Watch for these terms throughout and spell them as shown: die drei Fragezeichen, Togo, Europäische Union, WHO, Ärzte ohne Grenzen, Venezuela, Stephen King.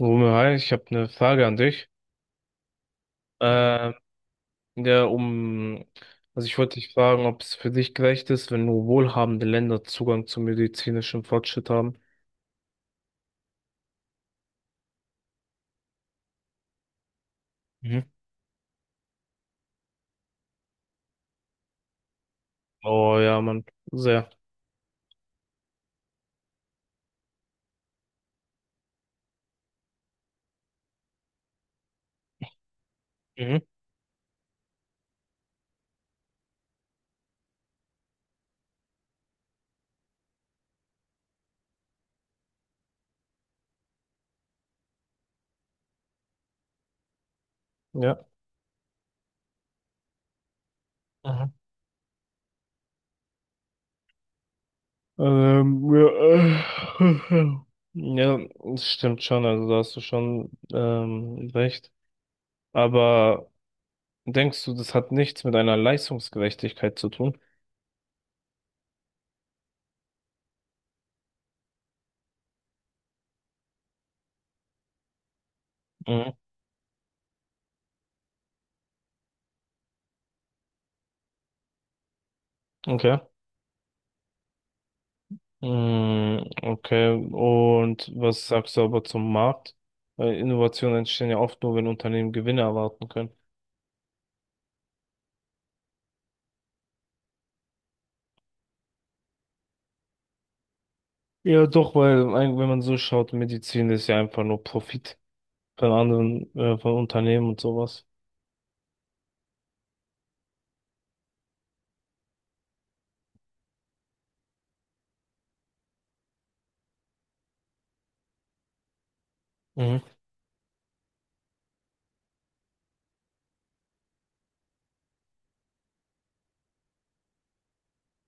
Romeo, hi, ich habe eine Frage an dich. Ähm, ja, um, also ich wollte dich fragen, ob es für dich gerecht ist, wenn nur wohlhabende Länder Zugang zu medizinischem Fortschritt haben. Mhm. Oh ja, Mann, sehr. Mhm. Ja. Aha. Ja, äh, ja, das stimmt schon, also da hast du schon recht. Aber denkst du, das hat nichts mit einer Leistungsgerechtigkeit zu tun? Mhm. Okay. Mm, okay, und was sagst du aber zum Markt? Weil Innovationen entstehen ja oft nur, wenn Unternehmen Gewinne erwarten können. Ja, doch, weil wenn man so schaut, Medizin ist ja einfach nur Profit von anderen, von Unternehmen und sowas. Mhm.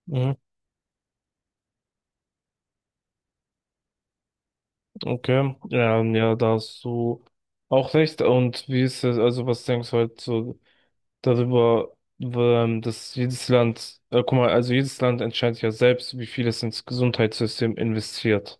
Mhm. Okay, ja, ja, da hast du auch recht. Und wie ist es, also was denkst du halt so darüber, dass jedes Land, guck mal, also jedes Land entscheidet ja selbst, wie viel es ins Gesundheitssystem investiert.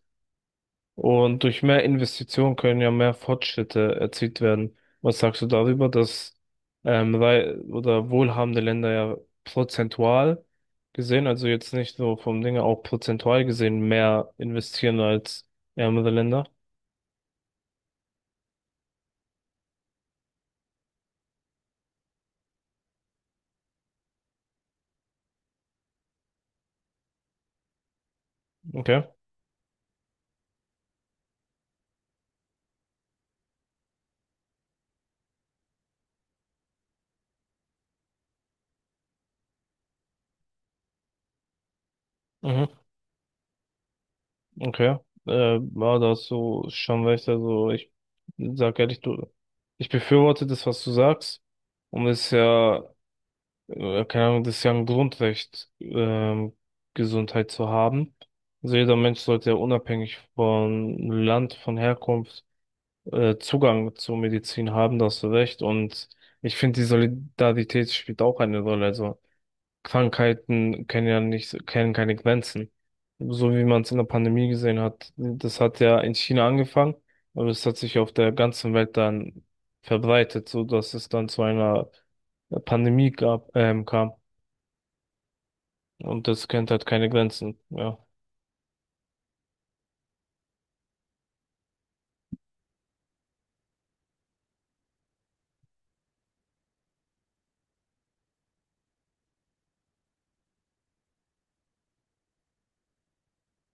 Und durch mehr Investitionen können ja mehr Fortschritte erzielt werden. Was sagst du darüber, dass oder wohlhabende Länder ja prozentual gesehen, also jetzt nicht so vom Dinge, auch prozentual gesehen mehr investieren als ärmere Länder? Okay. Mhm. Okay. Ja, da hast du schon recht. Also ich sag ehrlich, du, ich befürworte das, was du sagst. Und es ist ja keine Ahnung, das ist ja ein Grundrecht, Gesundheit zu haben. Also jeder Mensch sollte ja unabhängig von Land, von Herkunft, Zugang zur Medizin haben, da hast du recht. Und ich finde, die Solidarität spielt auch eine Rolle. Also Krankheiten kennen ja nicht, kennen keine Grenzen. So wie man es in der Pandemie gesehen hat, das hat ja in China angefangen, aber es hat sich auf der ganzen Welt dann verbreitet, so dass es dann zu einer Pandemie gab, kam. Und das kennt halt keine Grenzen. Ja.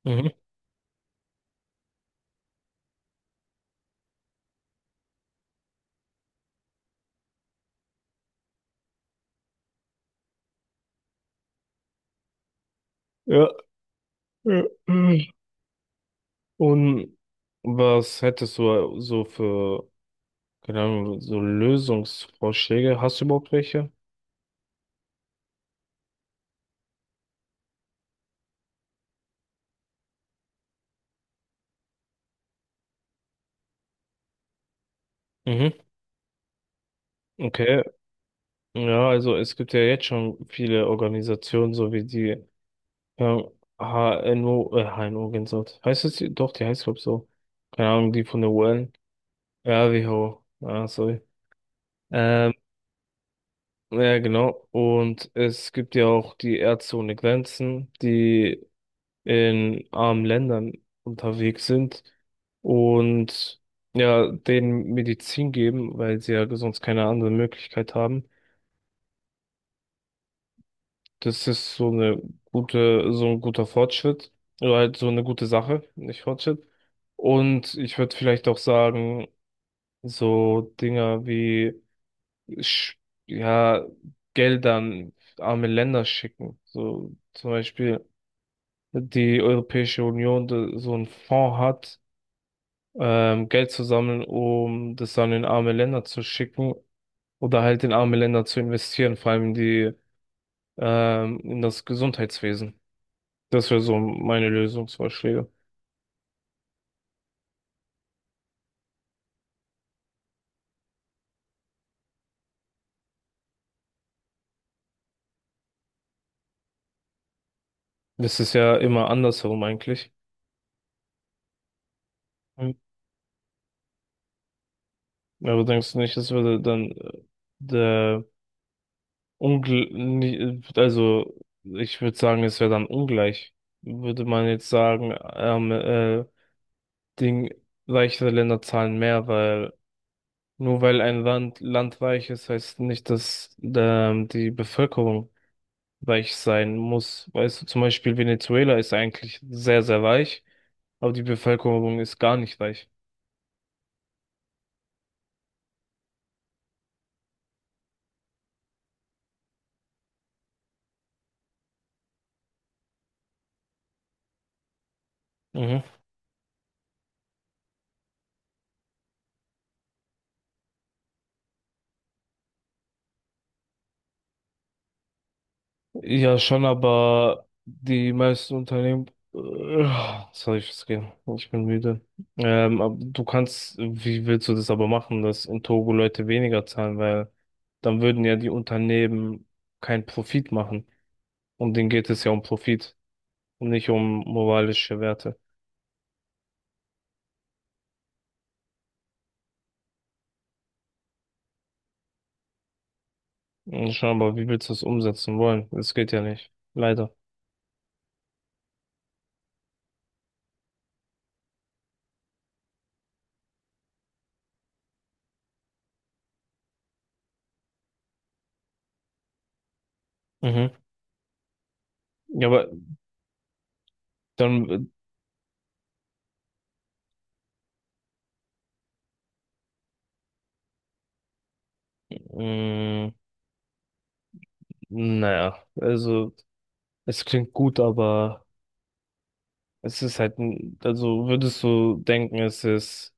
Mhm. Ja. Ja, mhm. Und was hättest du so für, keine Ahnung, so Lösungsvorschläge? Hast du überhaupt welche? Mhm. Okay. Ja, also es gibt ja jetzt schon viele Organisationen, so wie die ähm, H ja, HNO, HNO Gänsehaut. Heißt es die? Doch, die heißt glaub so. Keine Ahnung, die von der UN. Ja, WHO. Ah, sorry. Ähm, ja, genau. Und es gibt ja auch die Ärzte ohne Grenzen, die in armen Ländern unterwegs sind und ja, denen Medizin geben, weil sie ja sonst keine andere Möglichkeit haben. Das ist so eine gute, so ein guter Fortschritt oder halt so eine gute Sache, nicht Fortschritt. Und ich würde vielleicht auch sagen, so Dinger wie, Sch- ja, Geldern arme Länder schicken. So zum Beispiel die Europäische Union da so einen Fonds hat, Geld zu sammeln, um das dann in arme Länder zu schicken oder halt in arme Länder zu investieren, vor allem in die, in das Gesundheitswesen. Das wäre so meine Lösungsvorschläge. Das ist ja immer andersherum eigentlich. Mhm. Aber denkst du nicht, das würde dann der Ungl nie- also ich würde sagen, es wäre dann ungleich. Würde man jetzt sagen, Ding, reichere Länder zahlen mehr, weil Nur weil ein Land weich ist, heißt nicht, dass die Bevölkerung weich sein muss. Weißt du, zum Beispiel Venezuela ist eigentlich sehr, sehr weich, aber die Bevölkerung ist gar nicht weich. Mhm. Ja, schon, aber die meisten Unternehmen. Äh, Sorry, ich muss gehen. Ich bin müde. Aber du kannst, wie willst du das aber machen, dass in Togo Leute weniger zahlen, weil dann würden ja die Unternehmen keinen Profit machen. Und denen geht es ja um Profit, und nicht um moralische Werte. Und schon, aber wie willst du das umsetzen wollen? Das geht ja nicht. Leider. Mhm. Ja, aber dann, äh, mh, naja, also es klingt gut, aber es ist halt, also würdest du denken, es ist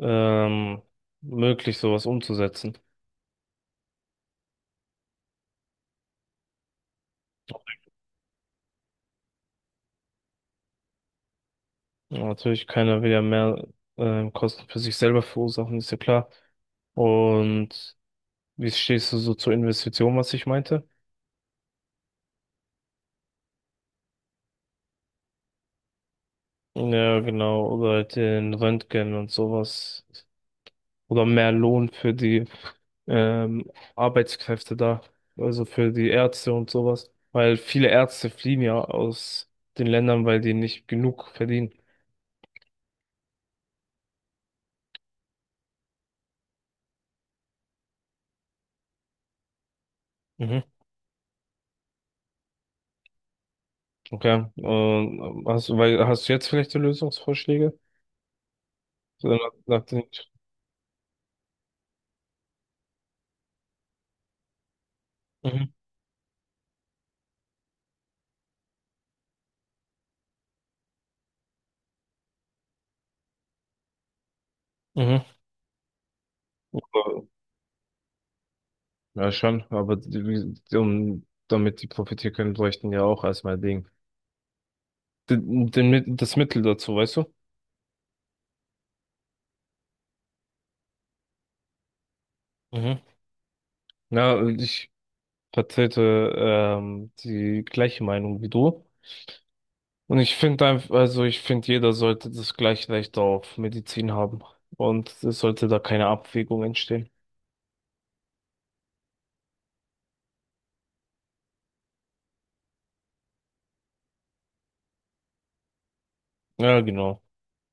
ähm, möglich, sowas umzusetzen? Ja, natürlich, keiner will ja mehr Kosten für sich selber verursachen, ist ja klar. Und wie stehst du so zur Investition, was ich meinte? Ja, genau. Oder halt den Röntgen und sowas. Oder mehr Lohn für die ähm, Arbeitskräfte da. Also für die Ärzte und sowas. Weil viele Ärzte fliehen ja aus den Ländern, weil die nicht genug verdienen. Mhm. Okay. Und hast du, weil, hast du jetzt vielleicht die Lösungsvorschläge? So, nach den, mhm. Mhm. Aber- Ja, schon. Aber die, um, damit die profitieren können, bräuchten ja auch erstmal Ding. Das Mittel dazu, weißt du? Mhm. Ja, ich vertrete die gleiche Meinung wie du. Und ich finde einfach, also ich finde, jeder sollte das gleiche Recht auf Medizin haben. Und es sollte da keine Abwägung entstehen. Ja, genau.